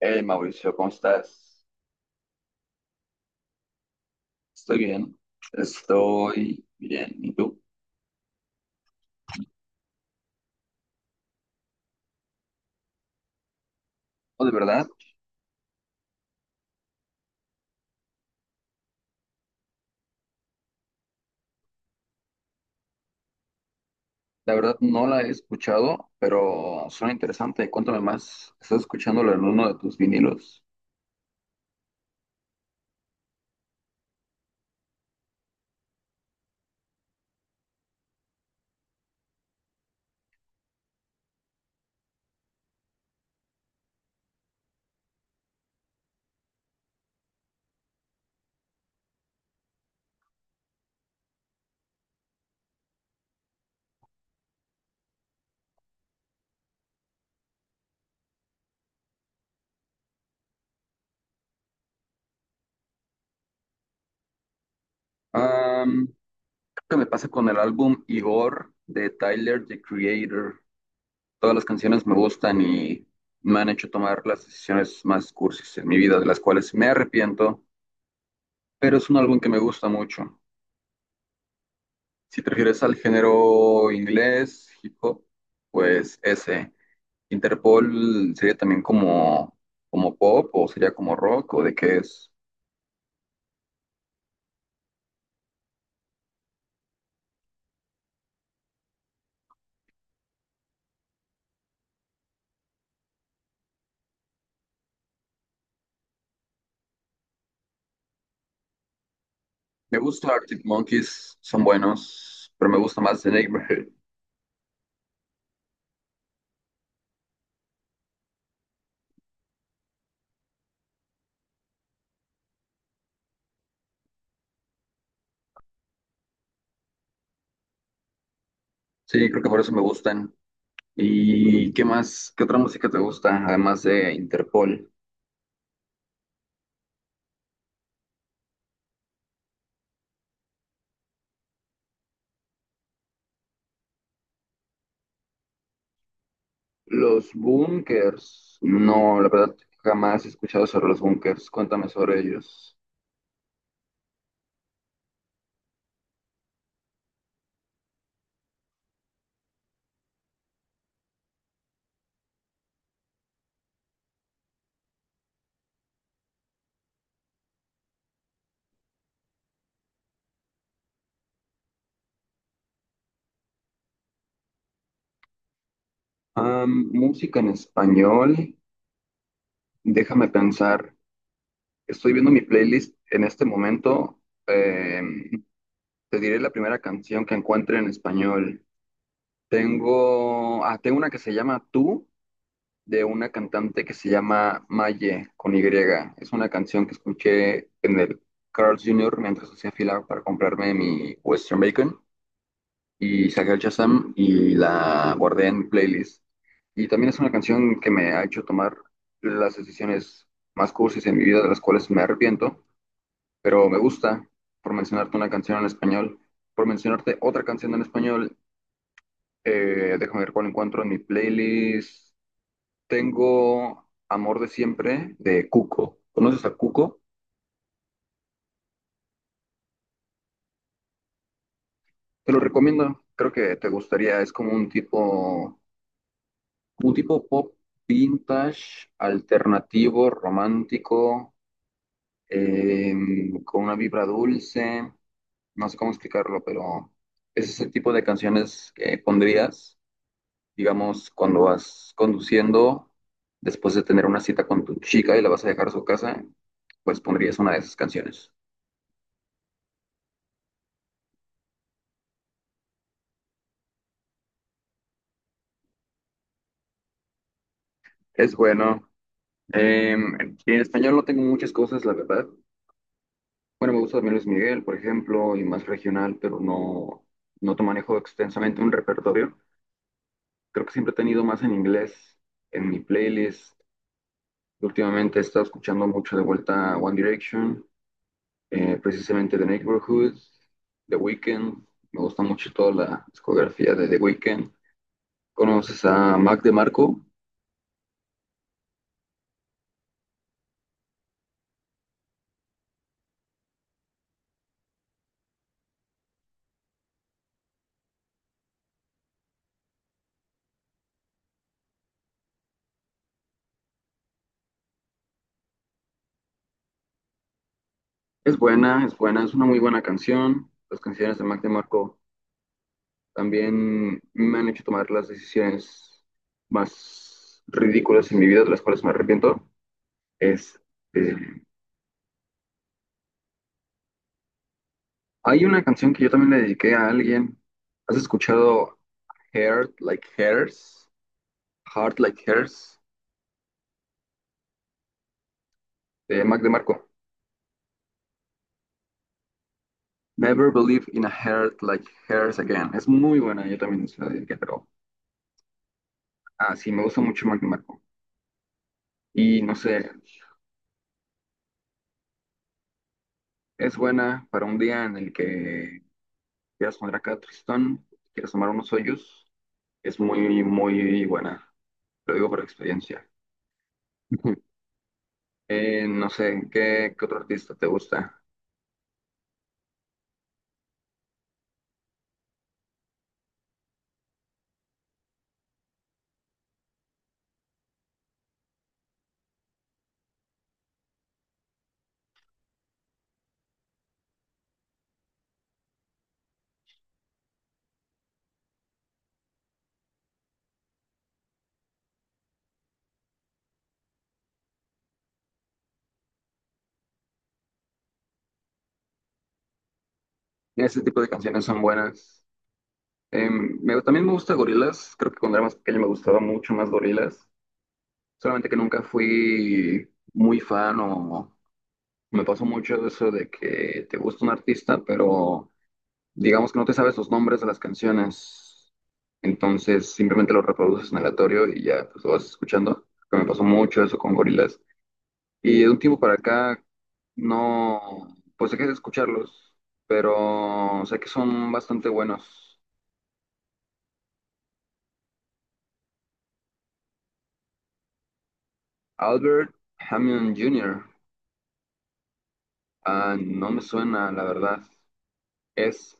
Hey Mauricio, ¿cómo estás? Estoy bien, estoy bien. ¿Y tú? Oh, de verdad, la verdad no la he escuchado, pero suena interesante. Cuéntame más. ¿Estás escuchándolo en uno de tus vinilos? Am, Creo que me pasa con el álbum Igor de Tyler, The Creator. Todas las canciones me gustan y me han hecho tomar las decisiones más cursis en mi vida, de las cuales me arrepiento, pero es un álbum que me gusta mucho. Si te refieres al género inglés, hip hop, pues ese. Interpol sería también como pop o sería como rock o de qué es. Me gusta Arctic Monkeys, son buenos, pero me gusta más The Neighborhood. Sí, creo que por eso me gustan. ¿Y qué más? ¿Qué otra música te gusta además de Interpol? Los Bunkers. No, la verdad jamás he escuchado sobre los Bunkers. Cuéntame sobre ellos. Música en español. Déjame pensar, estoy viendo mi playlist en este momento. eh, Te diré la primera canción que encuentre en español. Tengo una que se llama Tú, de una cantante que se llama Maye con Y. Es una canción que escuché en el Carl's Jr. mientras hacía fila para comprarme mi Western Bacon y saqué el Shazam y la guardé en playlist. Y también es una canción que me ha hecho tomar las decisiones más cursis en mi vida, de las cuales me arrepiento, pero me gusta, por mencionarte una canción en español, por mencionarte otra canción en español, déjame ver cuál encuentro en mi playlist. Tengo Amor de Siempre de Cuco. ¿Conoces a Cuco? Te lo recomiendo, creo que te gustaría, es como un tipo como tipo pop vintage, alternativo, romántico, con una vibra dulce, no sé cómo explicarlo, pero es ese tipo de canciones que pondrías, digamos, cuando vas conduciendo, después de tener una cita con tu chica y la vas a dejar a su casa, pues pondrías una de esas canciones. Es bueno. Em, en español no tengo muchas cosas, la verdad. Bueno, me gusta también Luis Miguel, por ejemplo, y más regional, pero no, no te manejo extensamente un repertorio. Creo que siempre he tenido más en inglés en mi playlist. Últimamente he estado escuchando mucho de vuelta One Direction, precisamente The Neighborhood, The Weeknd. Me gusta mucho toda la discografía de The Weeknd. ¿Conoces a Mac DeMarco? Es buena, es buena, es una muy buena canción. Las canciones de Mac DeMarco también me han hecho tomar las decisiones más ridículas en mi vida, de las cuales me arrepiento. Es, eh, Hay una canción que yo también le dediqué a alguien. ¿Has escuchado Heart Like Hers? Heart Like Hers de Mac DeMarco. Never Believe in a Heart Like Hers Again. Es muy buena, yo también se la dediqué, pero ah, sí, me gusta mucho Mac DeMarco. Y no sé, es buena para un día en el que quieras poner acá tristón, quieras tomar unos hoyos. Es muy, muy buena. Lo digo por experiencia. No sé, ¿qué otro artista te gusta? Ese tipo de canciones son buenas. También me gusta Gorillaz. Creo que cuando era más pequeño me gustaba mucho más Gorillaz. Solamente que nunca fui muy fan o me pasó mucho eso de que te gusta un artista, pero digamos que no te sabes los nombres de las canciones. Entonces simplemente lo reproduces en aleatorio y ya pues, lo vas escuchando. Que me pasó mucho eso con Gorillaz. Y de un tiempo para acá no, pues dejé de escucharlos, pero sé que son bastante buenos. Albert Hammond Jr. Ah, no me suena, la verdad. Es,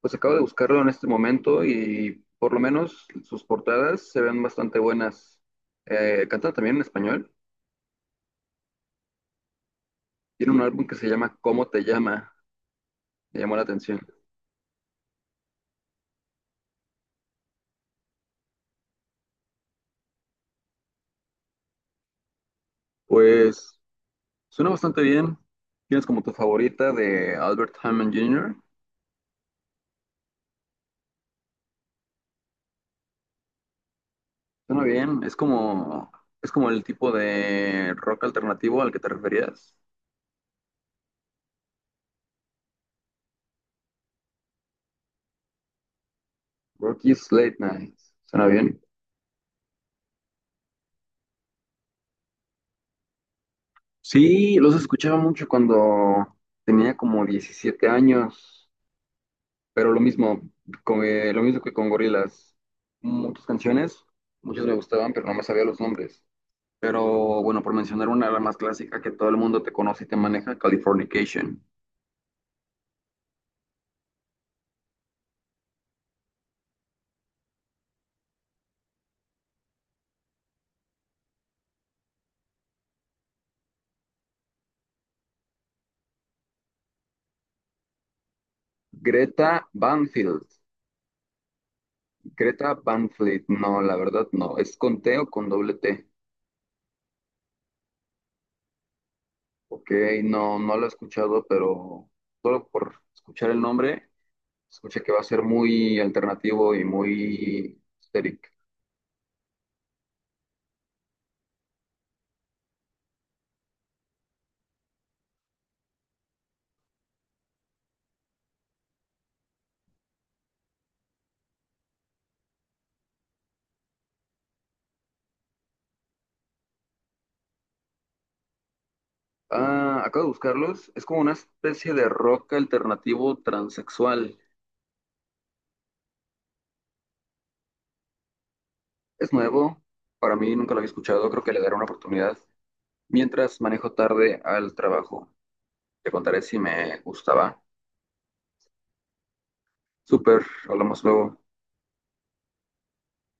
pues acabo de buscarlo en este momento y por lo menos sus portadas se ven bastante buenas. Canta también en español. Tiene un álbum que se llama ¿Cómo te llama? Me llamó la atención. Pues suena bastante bien. ¿Tienes como tu favorita de Albert Hammond Jr.? Suena bien, es como el tipo de rock alternativo al que te referías. Rocky's Late Night, suena bien. Sí, los escuchaba mucho cuando tenía como 17 años, pero lo mismo, lo mismo que con Gorillaz. Muchas canciones, muchas me gustaban, pero no me sabía los nombres. Pero bueno, por mencionar una, la más clásica que todo el mundo te conoce y te maneja, Californication. Greta Banfield. Greta Van Fleet, no, la verdad no. ¿Es con T o con doble T? Ok, no, no lo he escuchado, pero solo por escuchar el nombre, escuché que va a ser muy alternativo y muy histérico. Ah, acabo de buscarlos. Es como una especie de rock alternativo transexual. Es nuevo, para mí nunca lo había escuchado, creo que le daré una oportunidad. Mientras manejo tarde al trabajo, te contaré si me gustaba. Súper, hablamos luego.